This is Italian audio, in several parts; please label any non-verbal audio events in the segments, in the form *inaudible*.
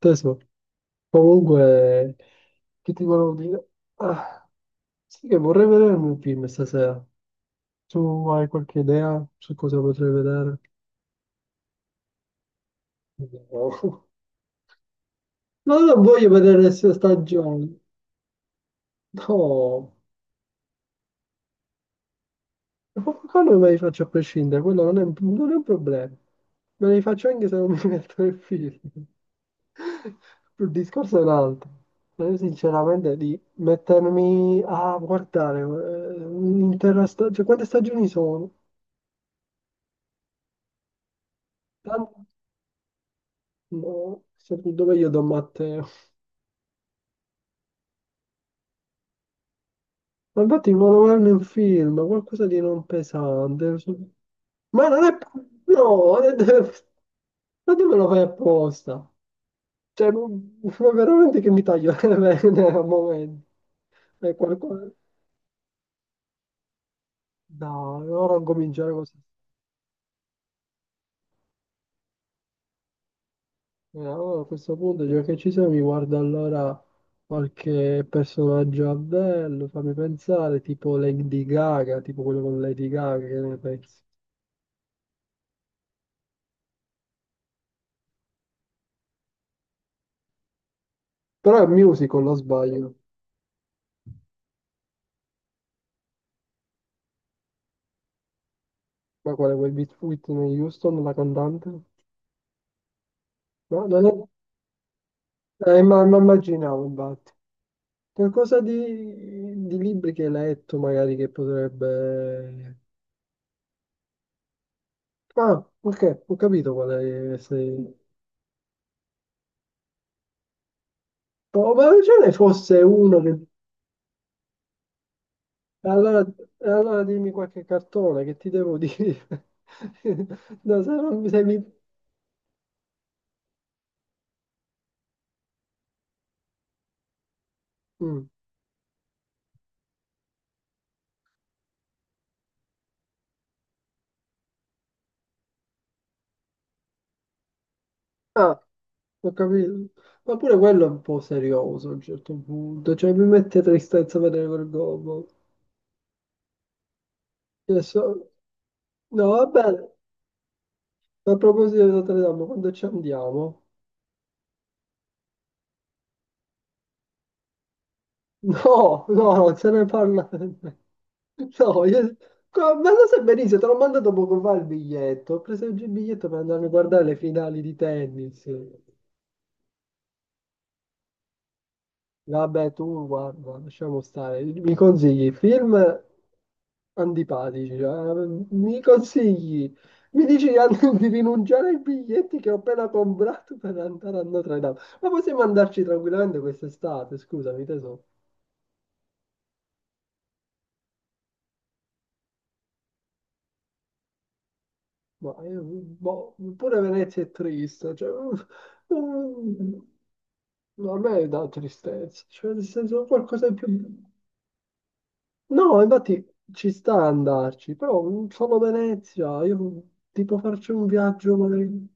Teso, comunque, che ti volevo dire? Ah, sì che vorrei vedere un film stasera. Tu hai qualche idea su cosa potrei vedere? No. *laughs* No, non voglio vedere le sue stagioni. No, ma quello me li faccio a prescindere, quello non è un problema. Me li faccio anche se non mi metto il film. Il discorso è un altro. Ma io sinceramente di mettermi a guardare un'intera stagione, cioè quante stagioni sono? Tanto, no, dove io do matte. Ma infatti volevo verne un film, qualcosa di non pesante. Ma non è... No, non è- ma tu me lo fai apposta. Cioè, ma veramente che mi taglio le vene al momento. È qualcosa... No, ora cominciare così. Allora, a questo punto, già che ci siamo, mi guardo allora qualche personaggio a bello, fammi pensare, tipo Lady Gaga, tipo quello con Lady Gaga, che ne pensi? Però è musical, non sbaglio. Ma quale quel Beat Whitney Houston, la cantante? No, non è... ma immaginavo, infatti. Qualcosa di libri che hai letto, magari, che potrebbe... Ah, ok, ho capito qual è... Se... Oh, ma ce ne fosse uno che... Allora, allora dimmi qualche cartone, che ti devo dire? *laughs* No, se non mi... Se mi... Mm. Ah, ho capito. Ma pure quello è un po' serioso a un certo punto, cioè mi mette tristezza vedere quel gobbo. Adesso- No, vabbè, a proposito di Notre Dame, quando ci andiamo? No, no, non se ne parla. *laughs* No, io... Ma lo sai benissimo, te l'ho mandato poco fa il biglietto. Ho preso oggi il biglietto per andare a guardare le finali di tennis. Vabbè, tu guarda, lasciamo stare. Mi consigli film antipatici, cioè, mi consigli, mi dici *laughs* di rinunciare ai biglietti che ho appena comprato per andare a Notre Dame. Ma possiamo andarci tranquillamente quest'estate, scusami, teso. Ma io, boh, pure Venezia è triste, cioè, mm, a me dà tristezza, cioè, nel senso, qualcosa di più. No, infatti ci sta a andarci, però solo Venezia, io tipo farci un viaggio magari...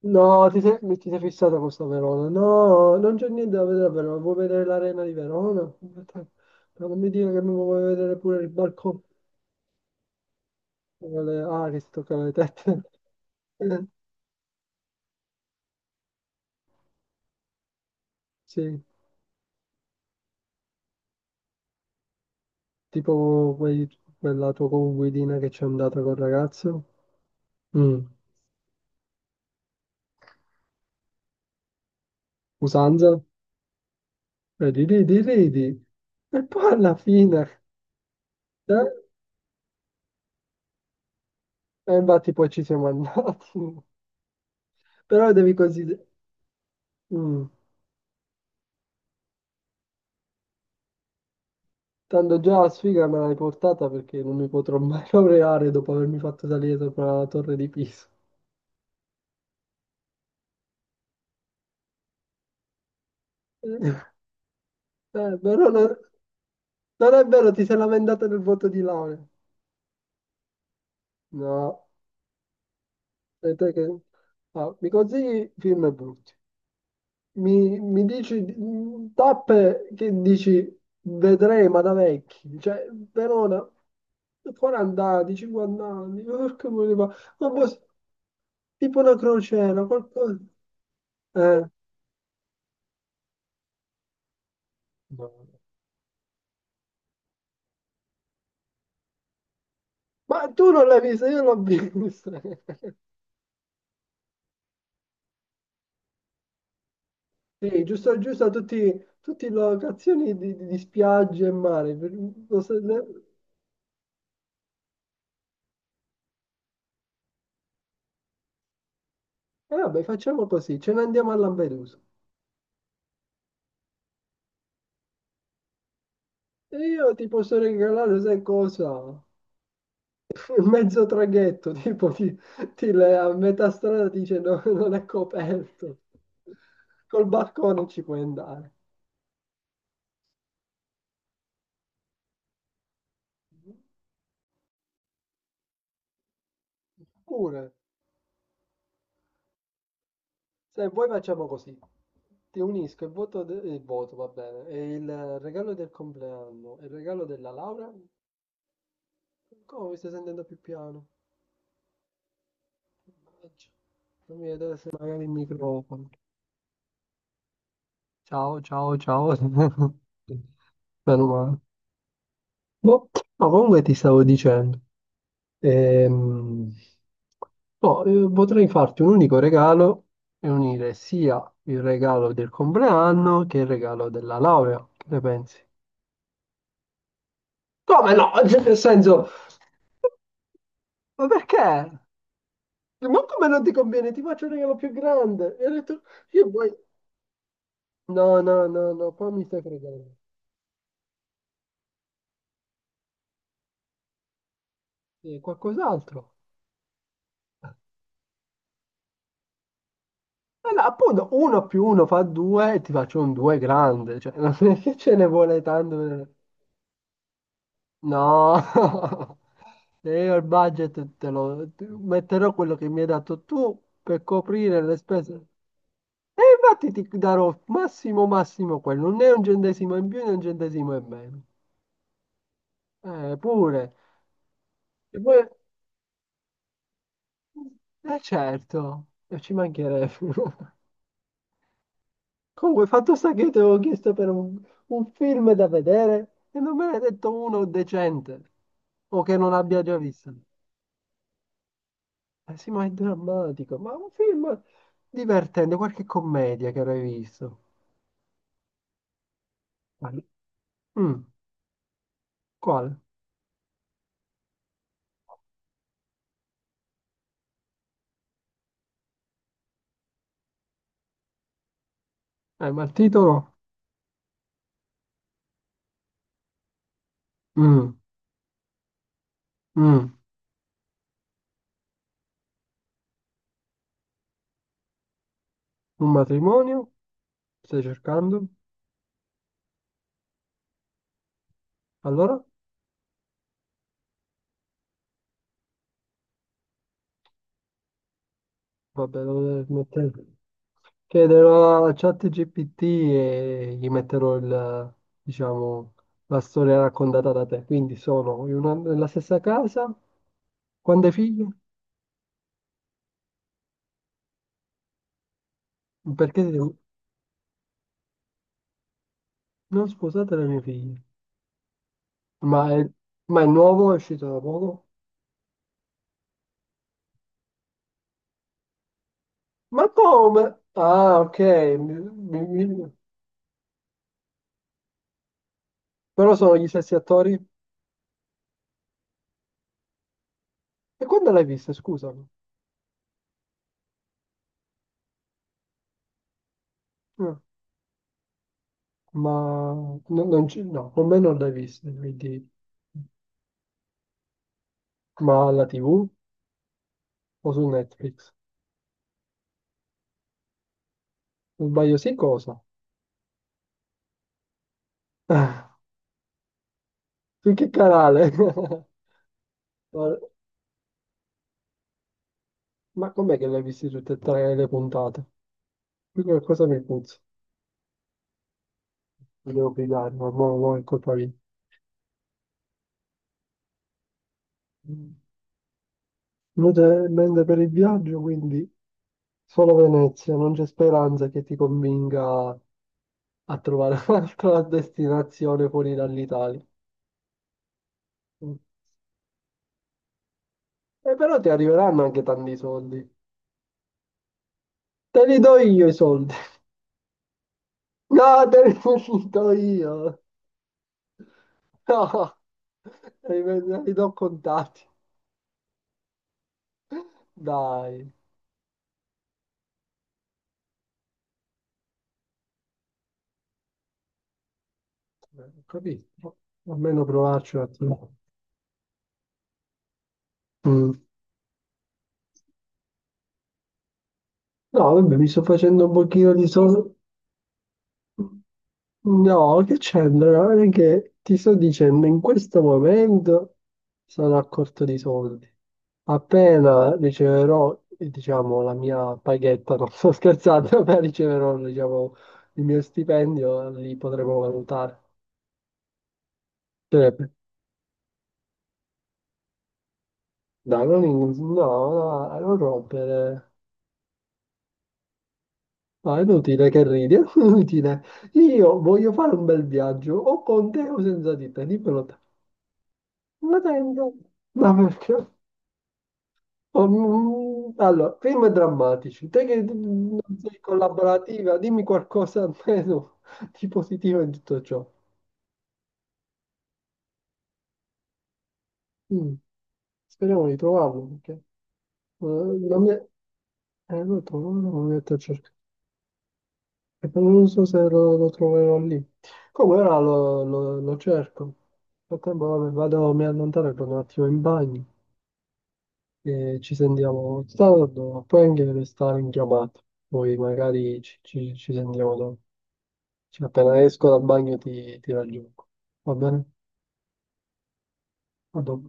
No, ti sei fissata con sta Verona. No, non c'è niente da vedere a Verona. Vuoi vedere l'arena di Verona? Ma non mi dire che mi vuoi vedere pure il balcone. Ah, che si toccano le tette. *laughs* Sì, tipo quei- quella tua conguidina che c'è andata col ragazzo. Mm, Usanza? Ridi, ridi, ridi. E poi alla fine... Eh, e infatti poi ci siamo andati. *laughs* Però devi considerare... Tanto già la sfiga me l'hai portata perché non mi potrò mai *laughs* laureare dopo avermi fatto salire sopra la torre di Pisa. *laughs* Però non... non è vero, ti sei lamentata del voto di laurea. No, e te che... Ah, mi consigli film brutti. Mi dici tappe che dici vedrei ma da vecchi. Cioè, Verona, 40 anni, 50 anni, porca miseria, ma... Ma boh, tipo una crociera, qualcosa. Eh. No, no. Ma tu non l'hai vista, io l'ho vista. *laughs* Sì, giusto, giusto, tutti, tutte locazioni di spiagge e mare. Lo so- le- E vabbè, facciamo così, ce ne andiamo a Lampedusa. E io ti posso regalare, sai cosa? *laughs* Mezzo traghetto, tipo a metà strada ti dice no, non è coperto. Col balcone ci puoi andare. Pure. Se vuoi facciamo così, ti unisco il voto, va bene, e il regalo del compleanno e il regalo della laurea. Come mi stai sentendo più piano? Mannaggia. Fammi vedere se magari il microfono. Ciao, ciao, ciao. *laughs* Meno male. Boh, ma comunque ti stavo dicendo, ehm, boh, potrei farti un unico regalo e unire sia il regalo del compleanno che il regalo della laurea. Che ne pensi? Come no? *laughs* Cioè, nel senso, ma perché? Ma come non ti conviene? Ti faccio un regalo più grande. E ho detto, io poi... No, no, no, no, qua mi stai fregando. Sì, qualcos'altro. Allora, appunto, uno più uno fa due e ti faccio un due grande. Cioè, *laughs* non è che ce ne vuole tanto. No. *laughs* Se io il budget metterò quello che mi hai dato tu per coprire le spese. E infatti ti darò massimo massimo quello, non è un centesimo in più né un centesimo in meno. Pure. E poi... Eh certo, e ci mancherebbe. *laughs* Comunque, fatto sta che io ti avevo chiesto per un film da vedere e non me ne hai detto uno decente o che non abbia già visto. Eh sì, ma è drammatico, ma un film divertente, qualche commedia che avrai visto. Quale? Mm, quale? Ma il titolo? Mm, mm, un matrimonio? Stai cercando? Allora? Vabbè, lo devo mettere. Chiederò a ChatGPT e gli metterò diciamo, la storia raccontata da te. Quindi sono in nella stessa casa, quante figlie? Perché siete- non sposate le mie figlie? Ma è, ma è nuovo, è uscito da poco? Ma come? Ah, ok. mi- mi- mi- Però sono gli stessi attori. E quando l'hai vista, scusami? Ah. Ma non ci- no, con me non l'hai vista, quindi... Ma alla TV o su Netflix? Non sbaglio, sì, cosa? *laughs* Ah, su che canale? *laughs* Ma ma com'è che l'hai viste tutte e tre le puntate? Qui qualcosa mi puzza. Mi devo pigliare, ma mo è colpa mia. Inutile per il viaggio, quindi solo Venezia, non c'è speranza che ti convinca a trovare *laughs* un'altra destinazione fuori dall'Italia. E però ti arriveranno anche tanti soldi. Te li do io i soldi. *laughs* No, te li *laughs* do io. No, te li do contati. Dai, eh, ho capito. Almeno provarci un attimo. Mm. No, vabbè, mi sto facendo un pochino di soldi. No, che c'entra? Guarda che ti sto dicendo, in questo momento sono a corto di soldi. Appena riceverò, diciamo, la mia paghetta, *laughs* non sto scherzando, *laughs* appena riceverò, diciamo, il mio stipendio, li potremo valutare. Cioè, dai, non, in- no, no, non rompere. No, è inutile che ridi, *laughs* è inutile. Io voglio fare un bel viaggio, o con te o senza di te, dimmelo te. Ma tanto, ma perché? Oh, allora, film drammatici. Te che non sei collaborativa, dimmi qualcosa almeno *laughs* di positivo in tutto ciò. Mm, Speriamo di trovarlo, perché la mia... lo trovo, lo metto a cercare. E poi non so se lo troverò lì. Come ora lo cerco. Nel frattempo, vabbè, vado, mi allontano e vado un attimo in bagno e ci sentiamo tardi, poi anche restare in chiamata. Poi magari ci sentiamo dopo. Cioè, appena esco dal bagno ti raggiungo. Va bene? A dopo.